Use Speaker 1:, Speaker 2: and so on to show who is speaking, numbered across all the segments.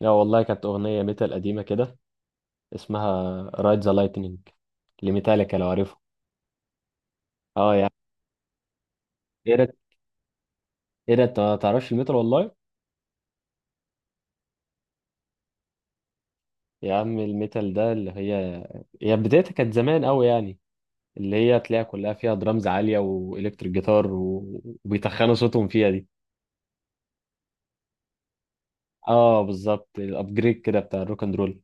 Speaker 1: لا والله كانت أغنية ميتال قديمة كده. اسمها رايد ذا لايتنينج لميتاليكا، لو عارفها. اه يا عم. ايه ده؟ ايه ده؟ انت ما تعرفش الميتال والله. يا عم الميتال ده، اللي هي بدايتها كانت زمان قوي يعني. اللي هي تلاقيها كلها فيها درامز عالية وإلكتريك جيتار وبيتخنوا صوتهم فيها دي. اه بالظبط، الابجريد كده بتاع الروك اند رول.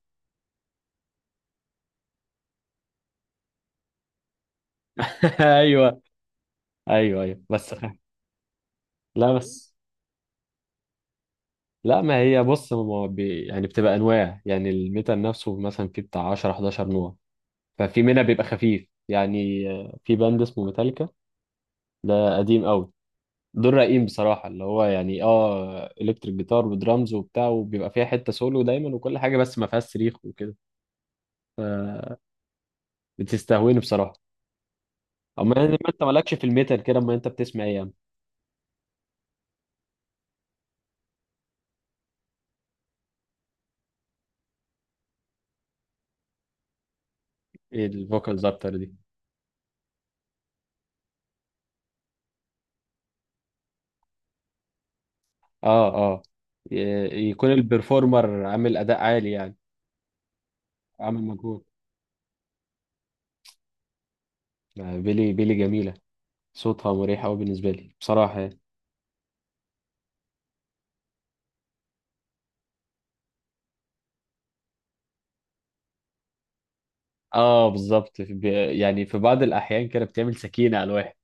Speaker 1: ايوه ايوه ايوه، بس لا بس. لا، ما هي بص، ما بي... يعني بتبقى انواع. يعني الميتال نفسه مثلا فيه بتاع 10 11 نوع. ففي منها بيبقى خفيف يعني. في باند اسمه ميتاليكا، ده قديم قوي. دول رايقين بصراحه، اللي هو يعني اه الكتريك جيتار ودرامز وبتاع، وبيبقى فيها حته سولو دايما وكل حاجه، بس ما فيهاش صريخ وكده. فبتستهويني بصراحه. اما يعني ما انت مالكش في الميتال كده، اما انت بتسمع ايه يا عم؟ ايه الفوكالز اكتر دي؟ اه اه، يكون البرفورمر عامل اداء عالي يعني. عامل مجهود. آه، بيلي، بيلي جميله، صوتها مريح قوي بالنسبه لي بصراحه يعني. اه بالظبط، يعني في بعض الاحيان كده بتعمل سكينه على الواحد.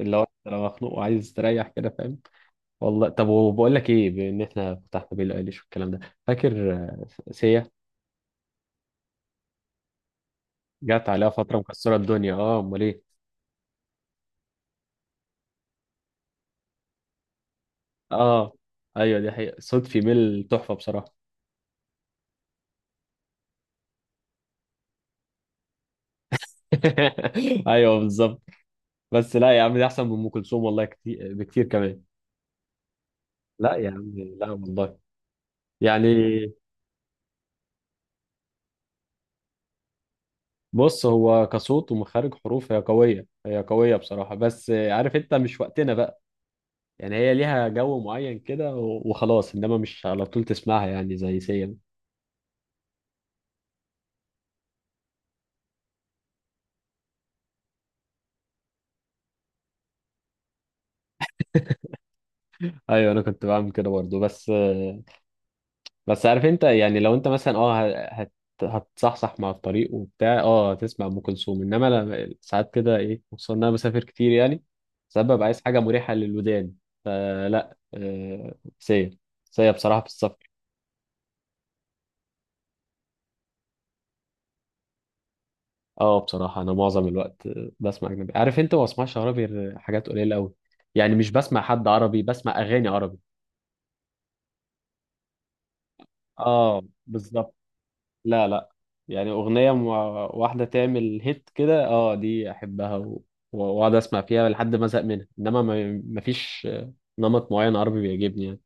Speaker 1: اللي هو انت لو مخنوق وعايز تريح كده، فاهم. والله طب، وبقول لك ايه بان احنا فتحنا بيلي ايليش والكلام ده، فاكر. سيا، جت عليها فتره مكسره الدنيا. اه، امال ايه. اه ايوه، دي حقيقه، صوت فيميل تحفه بصراحه. ايوه بالظبط. بس لا يا عم، دي احسن من ام كلثوم والله، كتير بكتير كمان. لا يا عم، لا والله. يعني بص، هو كصوت ومخارج حروف هي قوية، هي قوية بصراحة، بس عارف انت، مش وقتنا بقى. يعني هي ليها جو معين كده وخلاص، انما مش على طول تسمعها يعني، زي سيم. ايوه انا كنت بعمل كده برضه، بس بس عارف انت، يعني لو انت مثلا اه ه- هت هتصحصح مع الطريق وبتاع، اه هتسمع ام كلثوم، انما ساعات كده ايه، خصوصا ان انا مسافر كتير يعني. ساعات ببقى عايز حاجة مريحة للودان. فلا، سيم، سيم بصراحة في السفر. اه بصراحة أنا معظم الوقت بسمع أجنبي. عارف أنت، ما بسمعش عربي غير حاجات قليلة أوي. يعني مش بسمع حد عربي، بسمع أغاني عربي. اه بالظبط. لا لا، يعني أغنية واحدة تعمل هيت كده، اه دي أحبها وأقعد أسمع فيها لحد ما أزهق منها، إنما ما فيش نمط معين عربي بيعجبني يعني.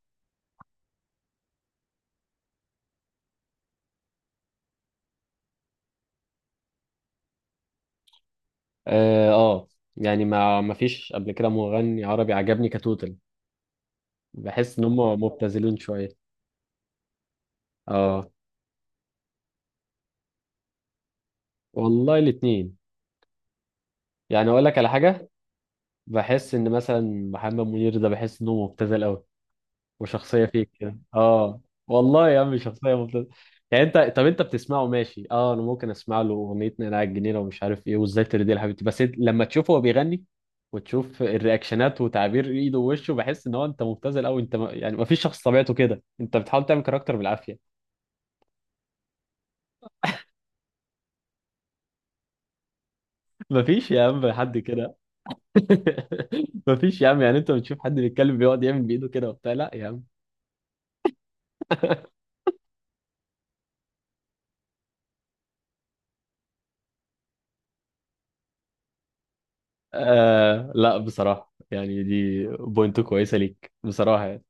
Speaker 1: اه آه، يعني ما فيش قبل كده مغني عربي عجبني كتوتال. بحس إن هم مبتذلين شوية. اه والله الاتنين. يعني أقول لك على حاجة، بحس ان مثلا محمد منير ده، بحس انه مبتذل قوي. وشخصيه فيك كده، اه والله يا عم، شخصيه مبتذله. يعني انت، طب انت بتسمعه ماشي، اه انا ممكن اسمع له اغنيه، انا على الجنينه ومش عارف ايه وازاي ترضي يا حبيبتي، بس انت لما تشوفه هو بيغني وتشوف الرياكشنات وتعبير ايده ووشه، بحس ان هو، انت مبتذل قوي. انت ما... يعني ما فيش شخص طبيعته كده، انت بتحاول تعمل كاركتر بالعافيه. ما فيش يا عم حد كده. ما فيش يا عم. يعني انت بتشوف حد بيتكلم بيقعد يعمل بايده كده وبتاع؟ لا يا عم. آه لا بصراحة، يعني دي بوينت كويسة ليك بصراحة يعني.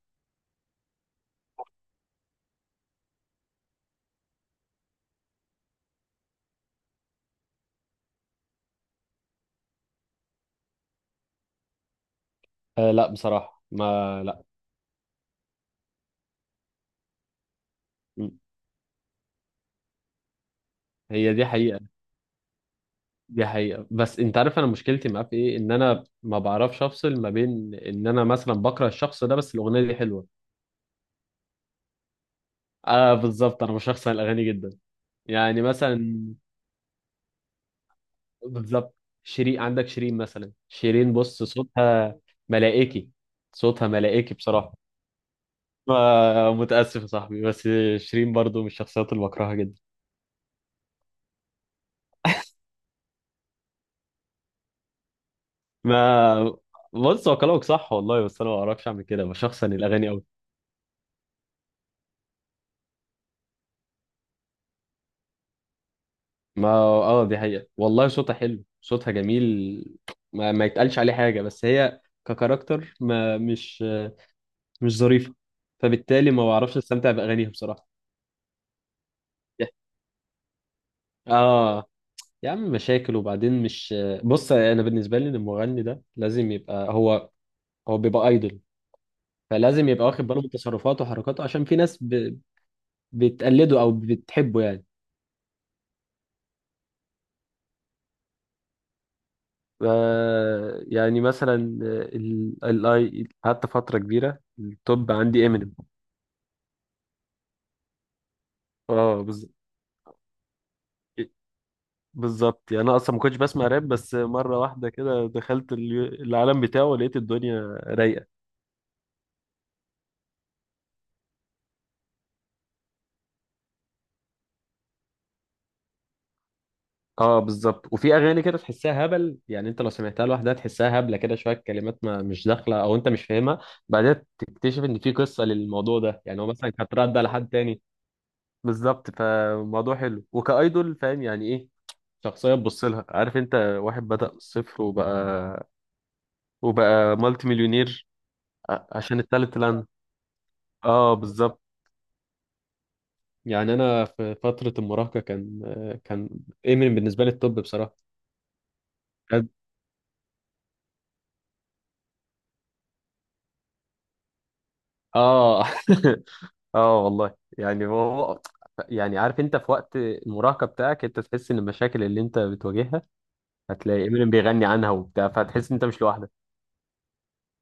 Speaker 1: آه لا بصراحة، ما لا. م- هي دي حقيقة. دي حقيقة، بس انت عارف انا مشكلتي معاه في ايه، ان انا ما بعرفش افصل ما بين ان انا مثلا بكره الشخص ده، بس الاغنية دي حلوة. اه بالظبط، انا بشخصن الاغاني جدا. يعني مثلا، بالظبط. شيرين، عندك شيرين مثلا، شيرين بص، صوتها ملائكي، صوتها ملائكي بصراحة. آه، متأسف يا صاحبي، بس شيرين برضو من الشخصيات اللي بكرهها جدا. ما بص، هو كلامك صح والله، بس انا ما بعرفش اعمل كده، بشخصن الاغاني قوي. ما اه، دي حقيقة والله، صوتها حلو، صوتها جميل. ما يتقالش عليه حاجة، بس هي ككاركتر ما مش ظريفة. فبالتالي ما بعرفش استمتع باغانيها بصراحة. اه يا عم، مشاكل وبعدين مش. بص، انا بالنسبه لي إن المغني ده لازم يبقى هو بيبقى ايدل. فلازم يبقى واخد باله من تصرفاته وحركاته، عشان في ناس بتقلده او بتحبه يعني. يعني مثلا، الاي قعدت فترة كبيرة التوب عندي امينيم. اه بالظبط، يعني انا اصلا ما كنتش بسمع راب، بس مرة واحدة كده دخلت العالم بتاعه، ولقيت الدنيا رايقة. اه بالظبط، وفي اغاني كده تحسها هبل. يعني انت لو سمعتها لوحدها تحسها هبلة كده، شوية كلمات ما مش داخلة او انت مش فاهمها، بعدين تكتشف ان في قصة للموضوع ده. يعني هو مثلا كانت راده لحد تاني. بالظبط، فموضوع حلو وكايدول. فاهم يعني ايه، شخصيه تبص لها، عارف انت، واحد بدأ من الصفر وبقى مالتي مليونير. عشان التالنت اللي عنده. اه بالظبط. يعني انا في فتره المراهقه كان امينيم بالنسبه لي التوب بصراحه. كان- اه اه والله. يعني هو، يعني عارف انت في وقت المراهقه بتاعك، انت تحس ان المشاكل اللي انت بتواجهها هتلاقي امينيم بيغني عنها وبتاع، فهتحس ان انت مش لوحدك.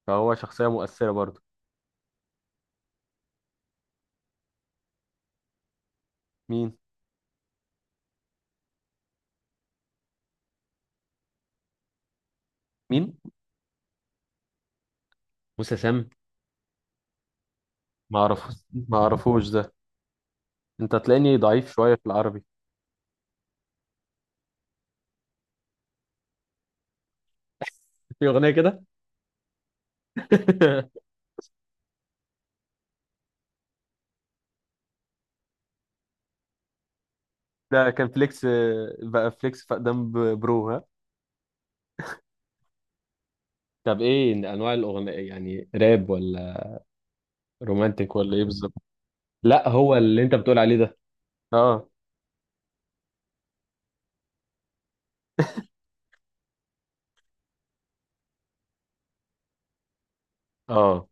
Speaker 1: فهو شخصيه مؤثره برضه. مين مين موسى سام. ما اعرفوش، ما اعرفوش ده. انت هتلاقيني ضعيف شويه في العربي. في اغنيه كده؟ ده كان فليكس، بقى فليكس فقدام، برو ها. طب ايه انواع الاغنيه، يعني راب ولا رومانتيك، ولا ايه، ايه بالظبط؟ لا هو اللي انت بتقول عليه ده. اه اه.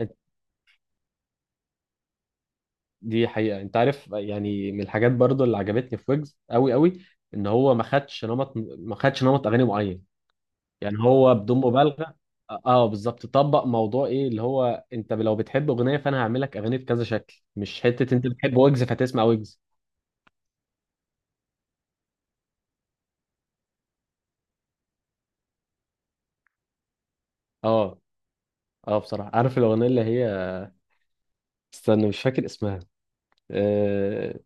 Speaker 1: أنت- دي حقيقة، انت عارف، يعني من الحاجات برضو اللي عجبتني في ويجز قوي قوي، ان هو ما خدش نمط، ما خدش نمط اغاني معين. يعني هو بدون مبالغه. اه بالظبط، طبق موضوع ايه اللي هو انت لو بتحب اغنيه، فانا هعمل لك اغاني بكذا شكل، مش حته انت بتحب ويجز فهتسمع ويجز. اه اه بصراحه، عارف الاغنيه اللي هي، استنى مش فاكر اسمها. آه...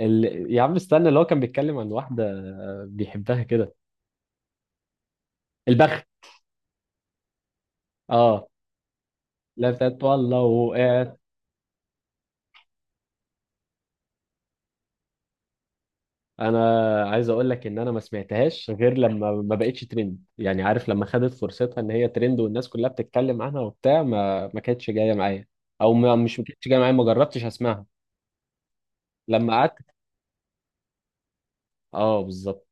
Speaker 1: ال... يا عم استنى، اللي هو كان بيتكلم عن واحده بيحبها كده. البخت. اه. لا بتاعت والله. انا عايز اقول لك ان انا ما سمعتهاش غير لما ما بقتش ترند، يعني عارف لما خدت فرصتها ان هي ترند والناس كلها بتتكلم عنها وبتاع، ما كانتش جايه معايا. او ما كانتش جايه معايا، ما جربتش اسمعها. لما قعدت، اه بالظبط.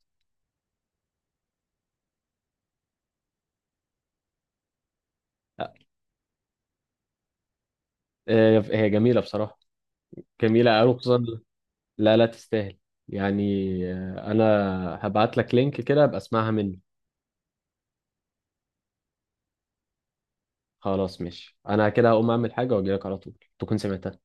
Speaker 1: هي جميله بصراحه. جميله قوي، خصوصا. لا لا، تستاهل. يعني انا هبعت لك لينك كده، ابقى اسمعها مني. خلاص ماشي، انا كده هقوم اعمل حاجه واجي لك على طول، تكون سمعتها.